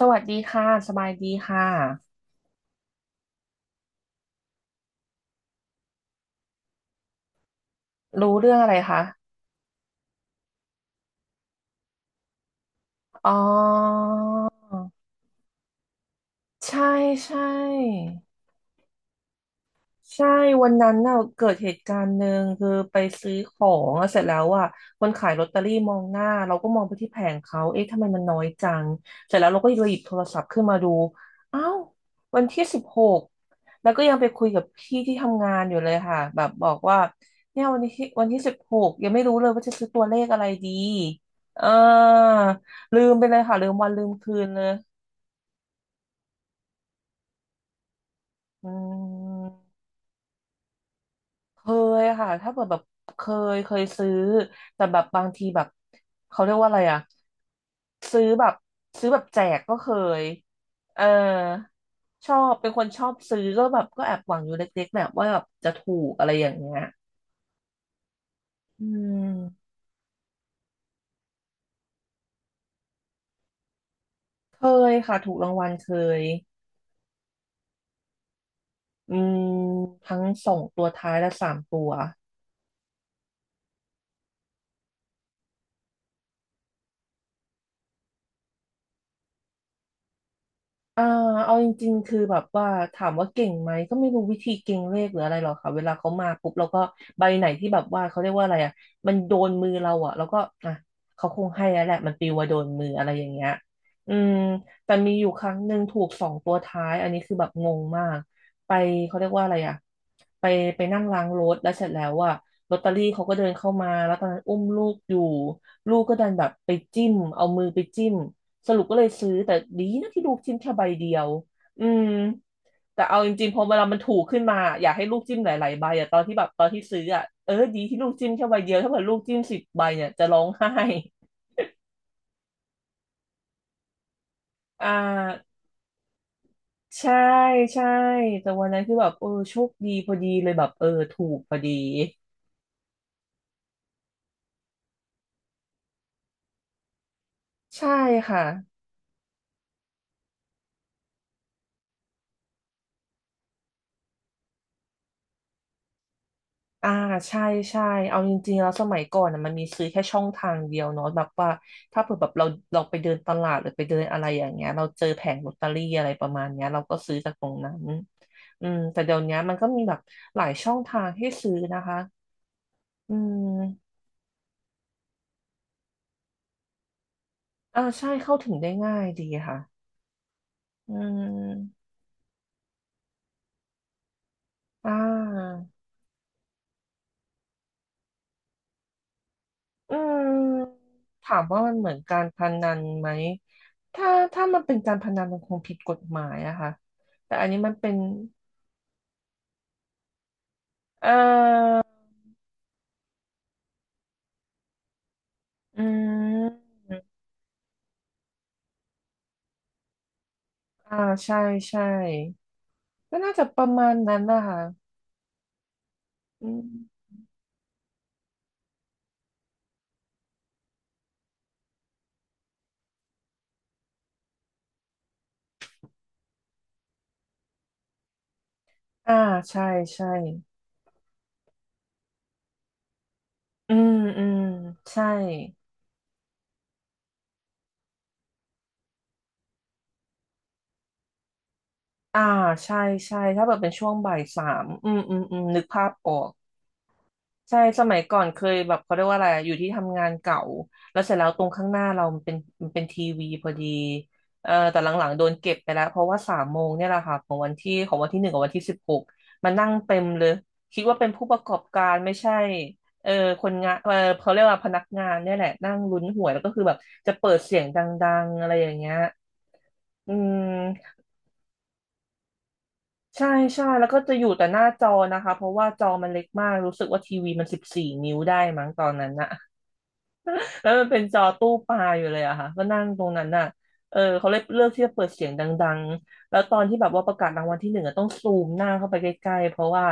สวัสดีค่ะสบายดีค่ะรู้เรื่องอะไรคะอ๋อใช่ใช่ ใช่วันนั้นน่ะเกิดเหตุการณ์หนึ่งคือไปซื้อของอะเสร็จแล้วอ่ะคนขายลอตเตอรี่มองหน้าเราก็มองไปที่แผงเขาเอ๊ะทำไมมันน้อยจังเสร็จแล้วเราก็เลยหยิบโทรศัพท์ขึ้นมาดูอ้าววันที่สิบหกแล้วก็ยังไปคุยกับพี่ที่ทำงานอยู่เลยค่ะแบบบอกว่าเนี่ยวันที่สิบหกยังไม่รู้เลยว่าจะซื้อตัวเลขอะไรดีเออลืมไปเลยค่ะลืมวันลืมคืนเลยอืม เคยค่ะถ้าเปิดแบบเคเคยซื้อแต่แบบบางทีแบบเขาเรียกว่าอะไรอ่ะซื้อแบบซื้อแบบแจกก็เคยเออชอบเป็นคนชอบซื้อก็แบบก็แอบหวังอยู่เล็กๆแหละว่าแบบจะถูกอะไรอย่างเงี้ยอืมเคยค่ะถูกรางวัลเคยอืมทั้งสองตัวท้ายและสามตัว อ่าเอาจริงๆคือแบบว่าถามว่าเก่งไหมก็ไม่รู้วิธีเก่งเลขหรืออะไรหรอกค่ะเวลาเขามาปุ๊บเราก็ใบไหนที่แบบว่าเขาเรียกว่าอะไรอ่ะมันโดนมือเราอ่ะแล้วก็อ่ะเขาคงให้แล้วแหละมันปลิวมาโดนมืออะไรอย่างเงี้ยอืมแต่มีอยู่ครั้งหนึ่งถูกสองตัวท้ายอันนี้คือแบบงงมากไปเขาเรียกว่าอะไรอ่ะไปไปนั่งล้างรถแล้วเสร็จแล้วอ่ะลอตเตอรี่เขาก็เดินเข้ามาแล้วตอนนั้นอุ้มลูกอยู่ลูกก็ดันแบบไปจิ้มเอามือไปจิ้ม สรุปก็เลยซื้อแต่ดีนะที่ลูกจิ้มแค่ใบเดียวอืมแต่เอาจริงๆพอเวลามันถูกขึ้นมาอยากให้ลูกจิ้มหลายๆใบอะตอนที่แบบตอนที่ซื้ออะเออดีที่ลูกจิ้มแค่ใบเดียวถ้าเกิดลูกจิ้มสิบใบเนี่ยจะร้องไห้อ่าใช่ใช่แต่วันนั้นคือแบบเออโชคดีพอดีเลยแบบเออถูกพอดีใช่ค่ะ อ่าใช่ใช่เอาจริงๆแล้วสมัยก่อนน่ะมันมีซื้อแค่ช่องทางเดียวเนาะแบบว่าถ้าเผื่อแบบเราเราไปเดินตลาดหรือไปเดินอะไรอย่างเงี้ยเราเจอแผงลอตเตอรี่อะไรประมาณเนี้ยเราก็ซื้อจากตรงนั้นอืมแต่เดี๋ยวเนี้ยมันก็มีแบบหลายช่องทางให้ซื้อนะคะอืมอ่าใช่เข้าถึงได้ง่ายดีค่ะอืมอ่าอืมถามว่ามันเหมือนการพนันไหมถ้าถ้ามันเป็นการพนันมันคงผิดกฎหมายอะค่ะแต่อันนี้มันเป็น เอออืม อ่า ใช่ใช่ก็น่าจะประมาณนั้นนะคะอืมอ่า ใช่ใช่อืมอืมใช่ อ่า ใช่ใช่ถ้าแบบเป็นช่วงบ่ายสามอืมอืมอืมนึกภาพออก ใช่สมัยก่อนเคยแบบเขาเรียกว่าอะไรอะอยู่ที่ทำงานเก่าแล้วเสร็จแล้วตรงข้างหน้าเรามันเป็นทีวีพอดีเออแต่หลังๆโดนเก็บไปแล้วเพราะว่าสามโมงเนี่ยแหละค่ะของวันที่หนึ่งกับวันที่สิบหกมานั่งเต็มเลยคิดว่าเป็นผู้ประกอบการไม่ใช่เออคนงานเออเขาเรียกว่าพนักงานเนี่ยแหละนั่งลุ้นหวยแล้วก็คือแบบจะเปิดเสียงดังๆอะไรอย่างเงี้ยอืมใช่ใช่แล้วก็จะอยู่แต่หน้าจอนะคะเพราะว่าจอมันเล็กมากรู้สึกว่าทีวีมันสิบสี่นิ้วได้มั้งตอนนั้นนะ แล้วมันเป็นจอตู้ปลาอยู่เลยอะค่ะก็นั่งตรงนั้นน่ะเออเขาเลยเลือกที่จะเปิดเสียงดังๆแล้วตอนที่แบบว่าประกาศรางวัลที่หนึ่งอะต้องซูมหน้าเข้าไปใกล้ๆเพราะว่า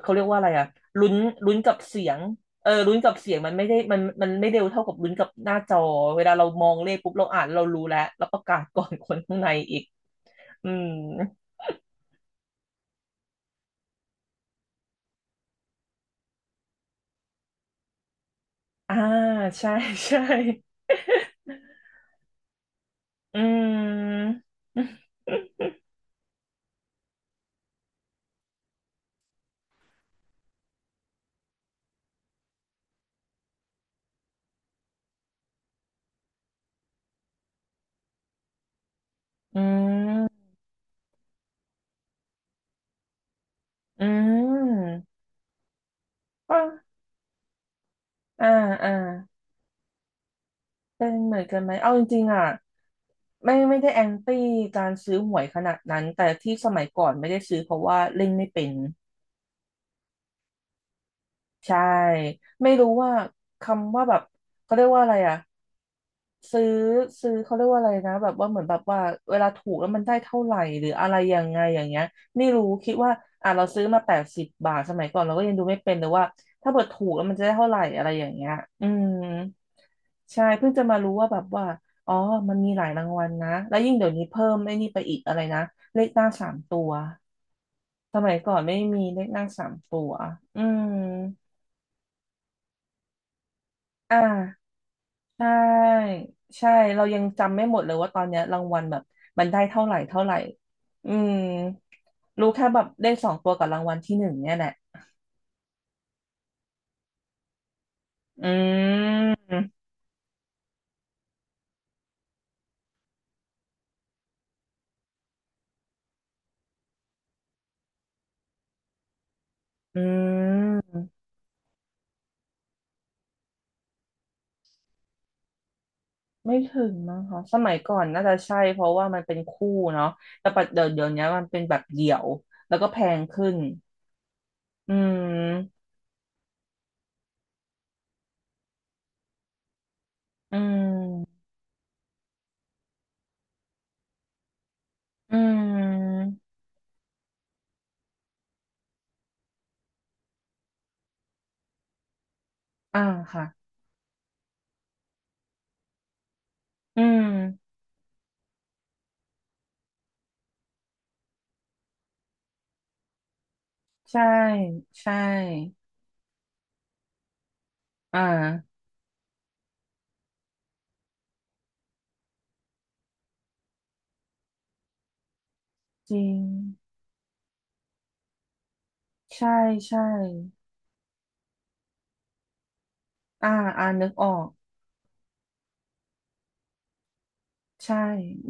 เขาเรียกว่าอะไรอะลุ้นลุ้นกับเสียงเออลุ้นกับเสียงมันไม่ได้มันไม่เร็วเท่ากับลุ้นกับหน้าจอเวลาเรามองเลขปุ๊บเราอ่านเรารู้แล้วแล้วประกาศก่อน คนข้างในอีกอืมอ่าใช่ ใช่อืมอืมอืมก็อ่าอ่า เป็นเหมือนกันไหม เอาจริงๆอ่ะไม่ได้แอนตี้การซื้อหวยขนาดนั้นแต่ที่สมัยก่อนไม่ได้ซื้อเพราะว่าเล่นไม่เป็น ใช่ไม่รู้ว่าคำว่าแบบเขาเรียกว่าอะไรอ่ะซื้อซื้อเขาเรียกว่าอะไรนะแบบว่าเหมือนแบบว่าเวลาถูกแล้วมันได้เท่าไหร่หรืออะไรยังไงอย่างเงี้ยไม่รู้คิดว่าอ่ะเราซื้อมา80 บาทสมัยก่อนเราก็ยังดูไม่เป็นเลยว่าถ้าเกิดถูกแล้วมันจะได้เท่าไหร่อะไรอย่างเงี้ยอืมใช่เพิ่งจะมารู้ว่าแบบว่าอ๋อมันมีหลายรางวัลนะแล้วยิ่งเดี๋ยวนี้เพิ่มไอ้นี่ไปอีกอะไรนะเลขหน้าสามตัวสมัยก่อนไม่มีเลขหน้าสามตัวอืม อ่าใช่ใช่เรายังจำไม่หมดเลยว่าตอนเนี้ยรางวัลแบบมันได้เท่าไหร่เท่าไหร่อืมรู้แค่แบบเลขสองตัวกับรางวัลที่หนึ่งเนี่ยแหละอืมอืมไม่ถึงมั้งคะสมัยก่อนน่าจะใช่เพราะว่ามันเป็นคู่เนาะแต่ปัจเดี๋ยวเดี๋ยวนี้มันเป็นแบบเดี่ยวแล้วก็แพงขึ้นอืมอืมอืมอ่าค่ะอืมใช่ใช่อ่าจริง ใช่ใช่อ่าอ่านึกออกใช่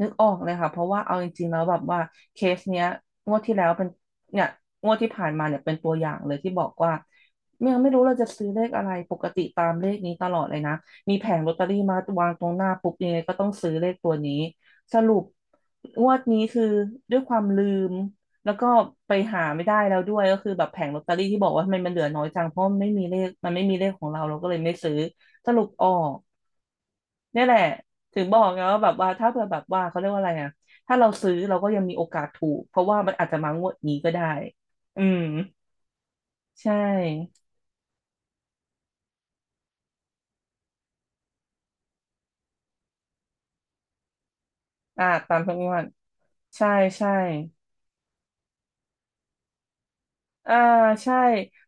นึกออกเลยค่ะเพราะว่าเอาจริงๆแล้วแบบว่าเคสเนี้ยงวดที่แล้วเป็นเนี่ยงวดที่ผ่านมาเนี่ยเป็นตัวอย่างเลยที่บอกว่ายังไม่รู้เราจะซื้อเลขอะไรปกติตามเลขนี้ตลอดเลยนะมีแผงลอตเตอรี่มาวางตรงหน้าปุ๊บยังไงก็ต้องซื้อเลขตัวนี้สรุปงวดนี้คือด้วยความลืมแล้วก็ไปหาไม่ได้แล้วด้วยก็คือแบบแผงลอตเตอรี่ที่บอกว่าทำไมมันเหลือน้อยจังเพราะมันไม่มีเลขมันไม่มีเลขของเราเราก็เลยไม่ซื้อสรุปออก เนี่ยแหละถึงบอกไงว่าแบบว่าถ้าเผื่อแบบว่าเขาเรียกว่าอะไรอ่ะถ้าเราซื้อเราก็ยังมีโอกาสถูกเพราะว่ามันอาจจะมางวดนี้ก็ได้อืมใช่อ่าตามทุกงวดใช่ใช่อ่าใช่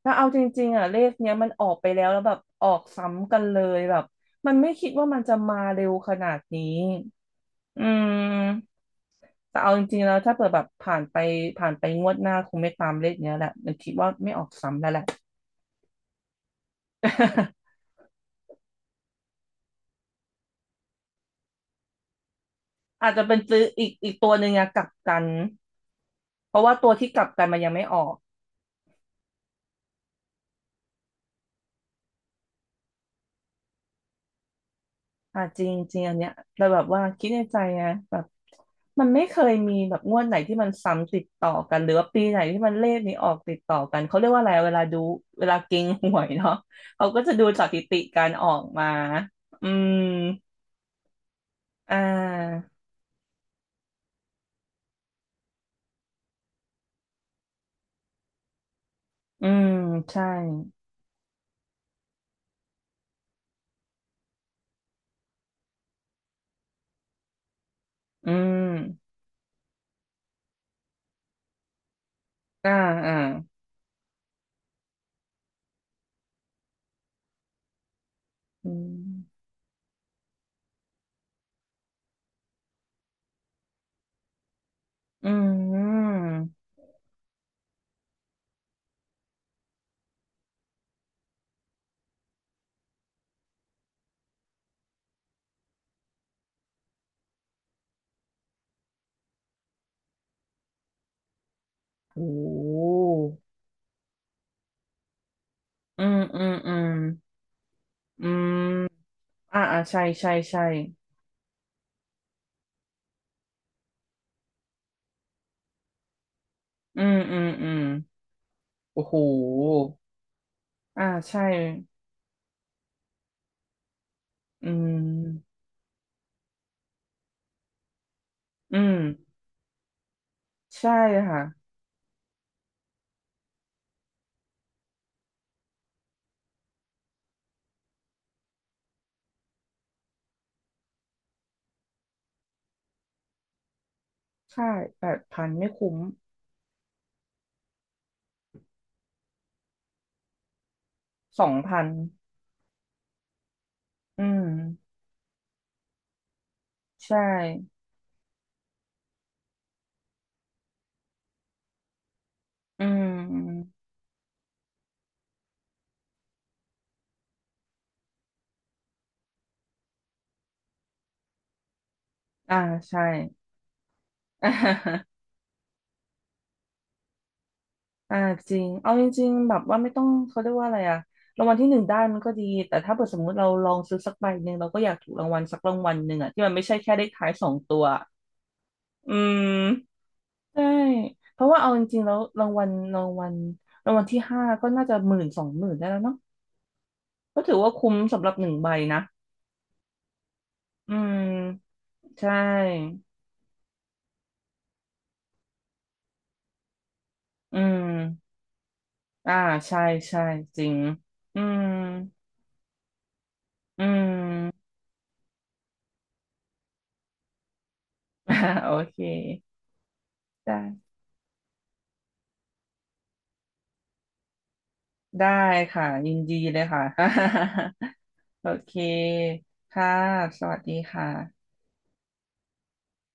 แล้วเอาจริงๆอ่ะเลขเนี้ยมันออกไปแล้วแล้วแบบออกซ้ำกันเลยแบบมันไม่คิดว่ามันจะมาเร็วขนาดนี้อืมแต่เอาจริงๆแล้วถ้าเปิดแบบผ่านไปผ่านไปงวดหน้าคงไม่ตามเลขเนี้ยแหละมันคิดว่าไม่ออกซ้ำแล้วแหละ อาจจะเป็นซื้ออีกตัวหนึ่งอะกลับกันเพราะว่าตัวที่กลับกันมันยังไม่ออกอ่าจริงจริงอันเนี้ยแต่แบบว่าคิดในใจไงแบบมันไม่เคยมีแบบงวดไหนที่มันซ้ำติดต่อกันหรือว่าปีไหนที่มันเลขนี้ออกติดต่อกันเขาเรียกว่าอะไรเวลาดูเวลาเก็งหวยเนาะเขาก็จะดูสถิติการออกมาอืมอ่าอืมใช่อืมอ่าอ่าอืมอืมโอ้อืมอืมอืม อืมอ่าอ่าใช่ ใช่ ใช่อืมอืมอืมโอ้โหอ่าใช่อืมอืมใช่ค่ะค่า8,000ไม่คุ้ม2,000อืมใช่อืมอ่าใช่ อ่าอ่าจริงเอาจริงๆแบบว่าไม่ต้องเขาเรียกว่าอะไรอะรางวัลที่หนึ่งได้มันก็ดี แต่ถ้าเกิดสมมุติเราลองซื้อสักใบหนึ่งเราก็อยากถูกรางวัลสักรางวัลหนึ่งอะที่มันไม่ใช่แค่เลขท้ายสองตัวอืม ใช่เพราะว่าเอาจริงๆแล้วรางวัลที่ห้าก็น่าจะหมื่น20,000ได้แล้วเนาะก็ถือว่าคุ้มสำหรับหนึ่งใบนะ อืม ใช่ อืมอ่าใช่ ใช่ จริง อืม อืม อ่าโอเคได้ได้ค่ะ ยินดีเลยค่ะ โอเค ค่ะ สวัสดีค่ะ